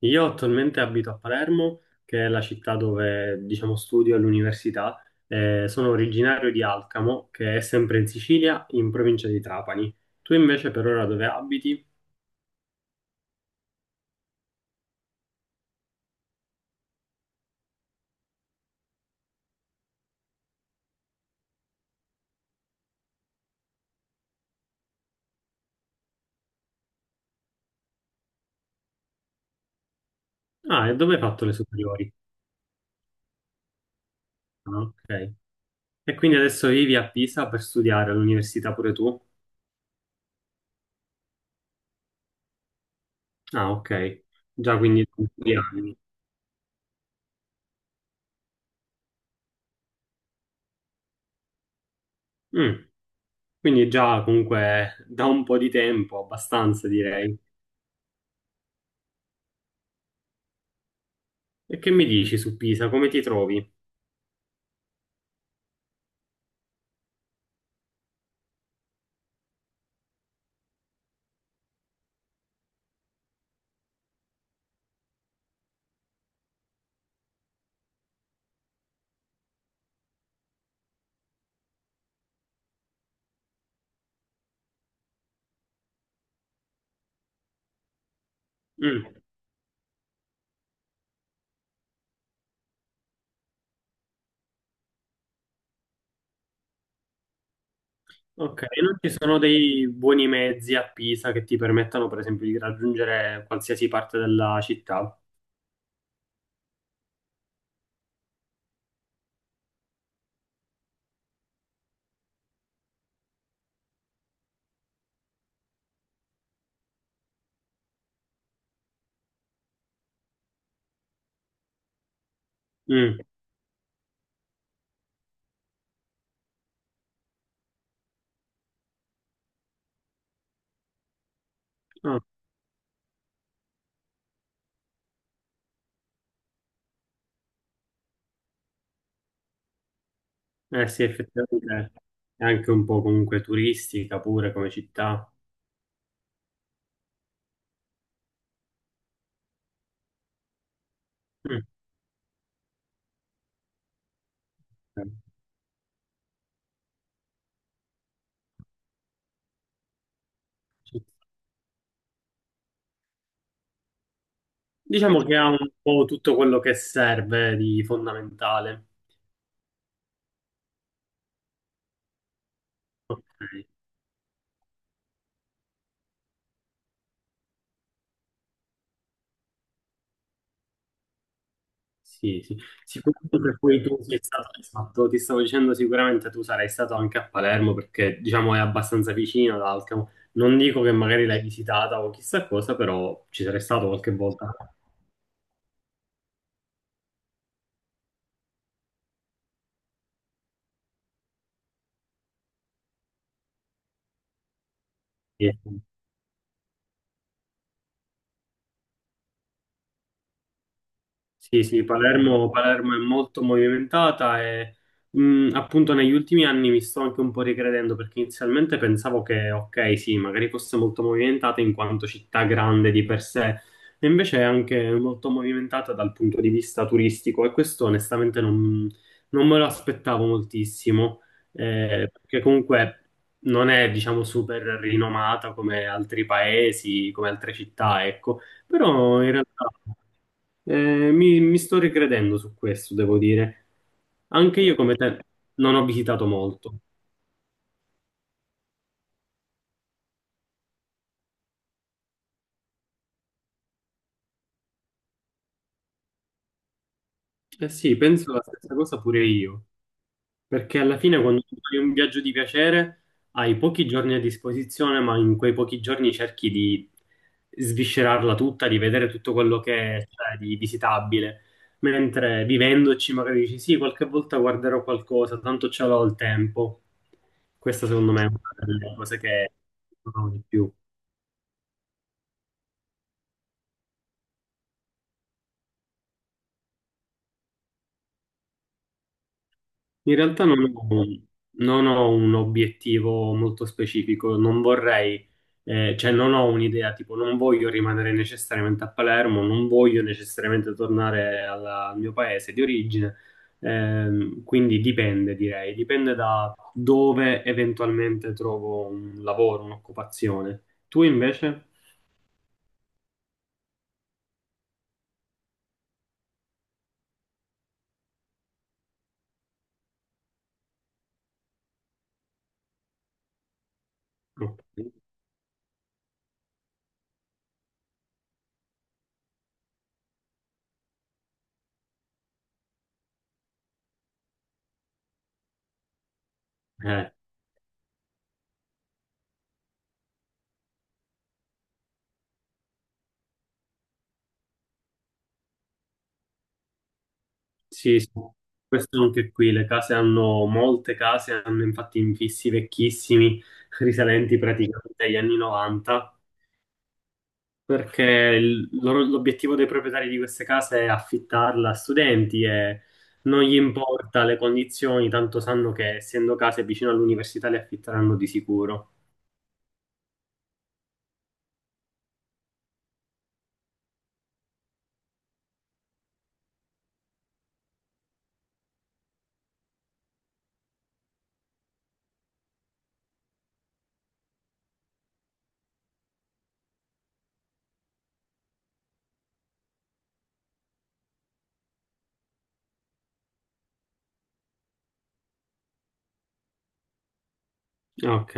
Io attualmente abito a Palermo, che è la città dove, diciamo, studio all'università. Sono originario di Alcamo, che è sempre in Sicilia, in provincia di Trapani. Tu invece per ora dove abiti? Ah, e dove hai fatto le superiori? Ah, ok. E quindi adesso vivi a Pisa per studiare all'università pure tu? Ah, ok. Già quindi due anni. Mm, Quindi già comunque da un po' di tempo, abbastanza direi. E che mi dici su Pisa? Come ti trovi? Mm. Ok, e non ci sono dei buoni mezzi a Pisa che ti permettano, per esempio, di raggiungere qualsiasi parte della città. Mm. Ah, eh sì, effettivamente è anche un po' comunque turistica pure come città. Mm. Ci- Diciamo che ha un po' tutto quello che serve di fondamentale. Ok. Sì, sì. Sicuramente per cui tu sei stato, esatto, ti stavo dicendo sicuramente tu sarai stato anche a Palermo perché diciamo è abbastanza vicino ad Alcamo. Non dico che magari l'hai visitata o chissà cosa, però ci sarei stato qualche volta. Sì. Sì, sì, Palermo, Palermo è molto movimentata e appunto negli ultimi anni mi sto anche un po' ricredendo perché inizialmente pensavo che, ok, sì, magari fosse molto movimentata in quanto città grande di per sé, e invece è anche molto movimentata dal punto di vista turistico e questo onestamente non me lo aspettavo moltissimo, perché comunque non è, diciamo, super rinomata come altri paesi, come altre città, ecco. Però in realtà mi sto ricredendo su questo, devo dire. Anche io come te non ho visitato molto. Eh sì, penso la stessa cosa pure io. Perché alla fine quando tu fai un viaggio di piacere hai pochi giorni a disposizione, ma in quei pochi giorni cerchi di sviscerarla tutta, di vedere tutto quello che c'è di visitabile. Mentre vivendoci magari dici sì, qualche volta guarderò qualcosa, tanto ce l'ho il tempo. Questa secondo me è una delle cose che sono di più. In realtà non ho un obiettivo molto specifico, non vorrei, cioè non ho un'idea, tipo non voglio rimanere necessariamente a Palermo, non voglio necessariamente tornare al mio paese di origine, quindi dipende, direi, dipende da dove eventualmente trovo un lavoro, un'occupazione. Tu invece? Ok. Eh. Sì, sì. Questo anche qui, molte case hanno infatti infissi vecchissimi, risalenti praticamente agli anni 90, perché l'obiettivo dei proprietari di queste case è affittarla a studenti e non gli importa le condizioni, tanto sanno che essendo case vicino all'università le affitteranno di sicuro. Ok,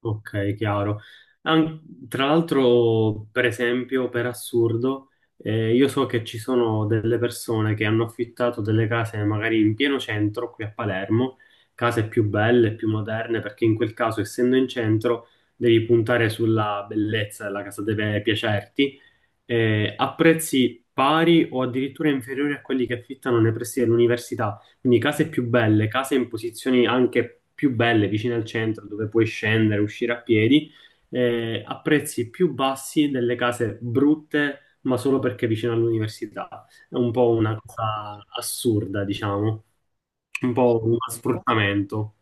ok, chiaro. An- Tra l'altro, per esempio, per assurdo, io so che ci sono delle persone che hanno affittato delle case magari in pieno centro, qui a Palermo, case più belle, più moderne, perché in quel caso, essendo in centro, devi puntare sulla bellezza, la casa deve piacerti a prezzi pari o addirittura inferiori a quelli che affittano nei pressi dell'università. Quindi case più belle, case in posizioni anche più belle, vicine al centro, dove puoi scendere, uscire a piedi, a prezzi più bassi delle case brutte, ma solo perché vicino all'università. È un po' una cosa assurda, diciamo, un po' uno sfruttamento.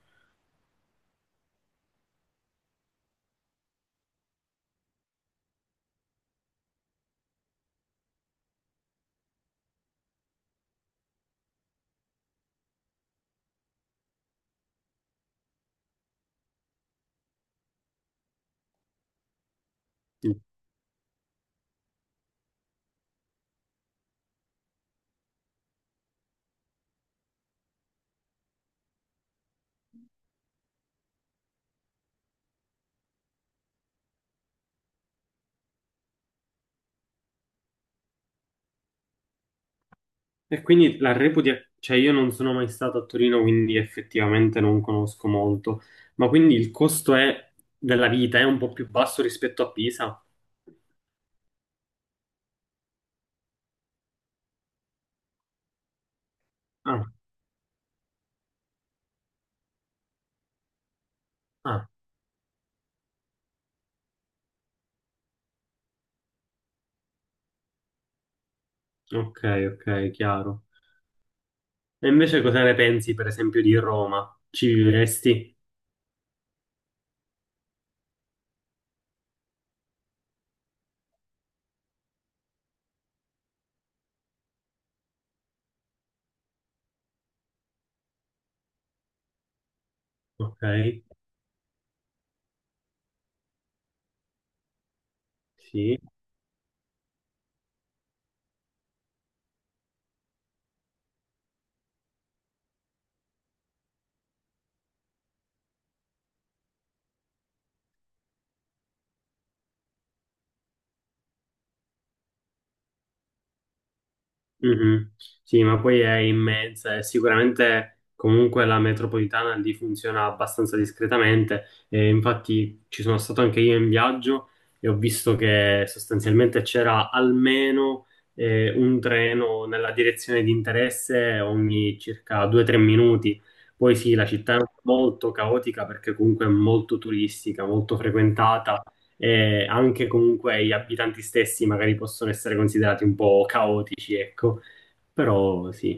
E quindi la reputi, cioè io non sono mai stato a Torino, quindi effettivamente non conosco molto, ma quindi della vita è un po' più basso rispetto a Pisa? Ah, ah, ok, ok, chiaro. E invece cosa ne pensi, per esempio, di Roma? Ci vivresti? Ok, sì. Mhm. Sì, ma poi è immensa e sicuramente comunque la metropolitana lì funziona abbastanza discretamente. E infatti ci sono stato anche io in viaggio e ho visto che sostanzialmente c'era almeno un treno nella direzione di interesse ogni circa 2-3 minuti. Poi sì, la città è molto caotica perché comunque è molto turistica, molto frequentata e anche comunque gli abitanti stessi magari possono essere considerati un po' caotici, ecco. Però sì,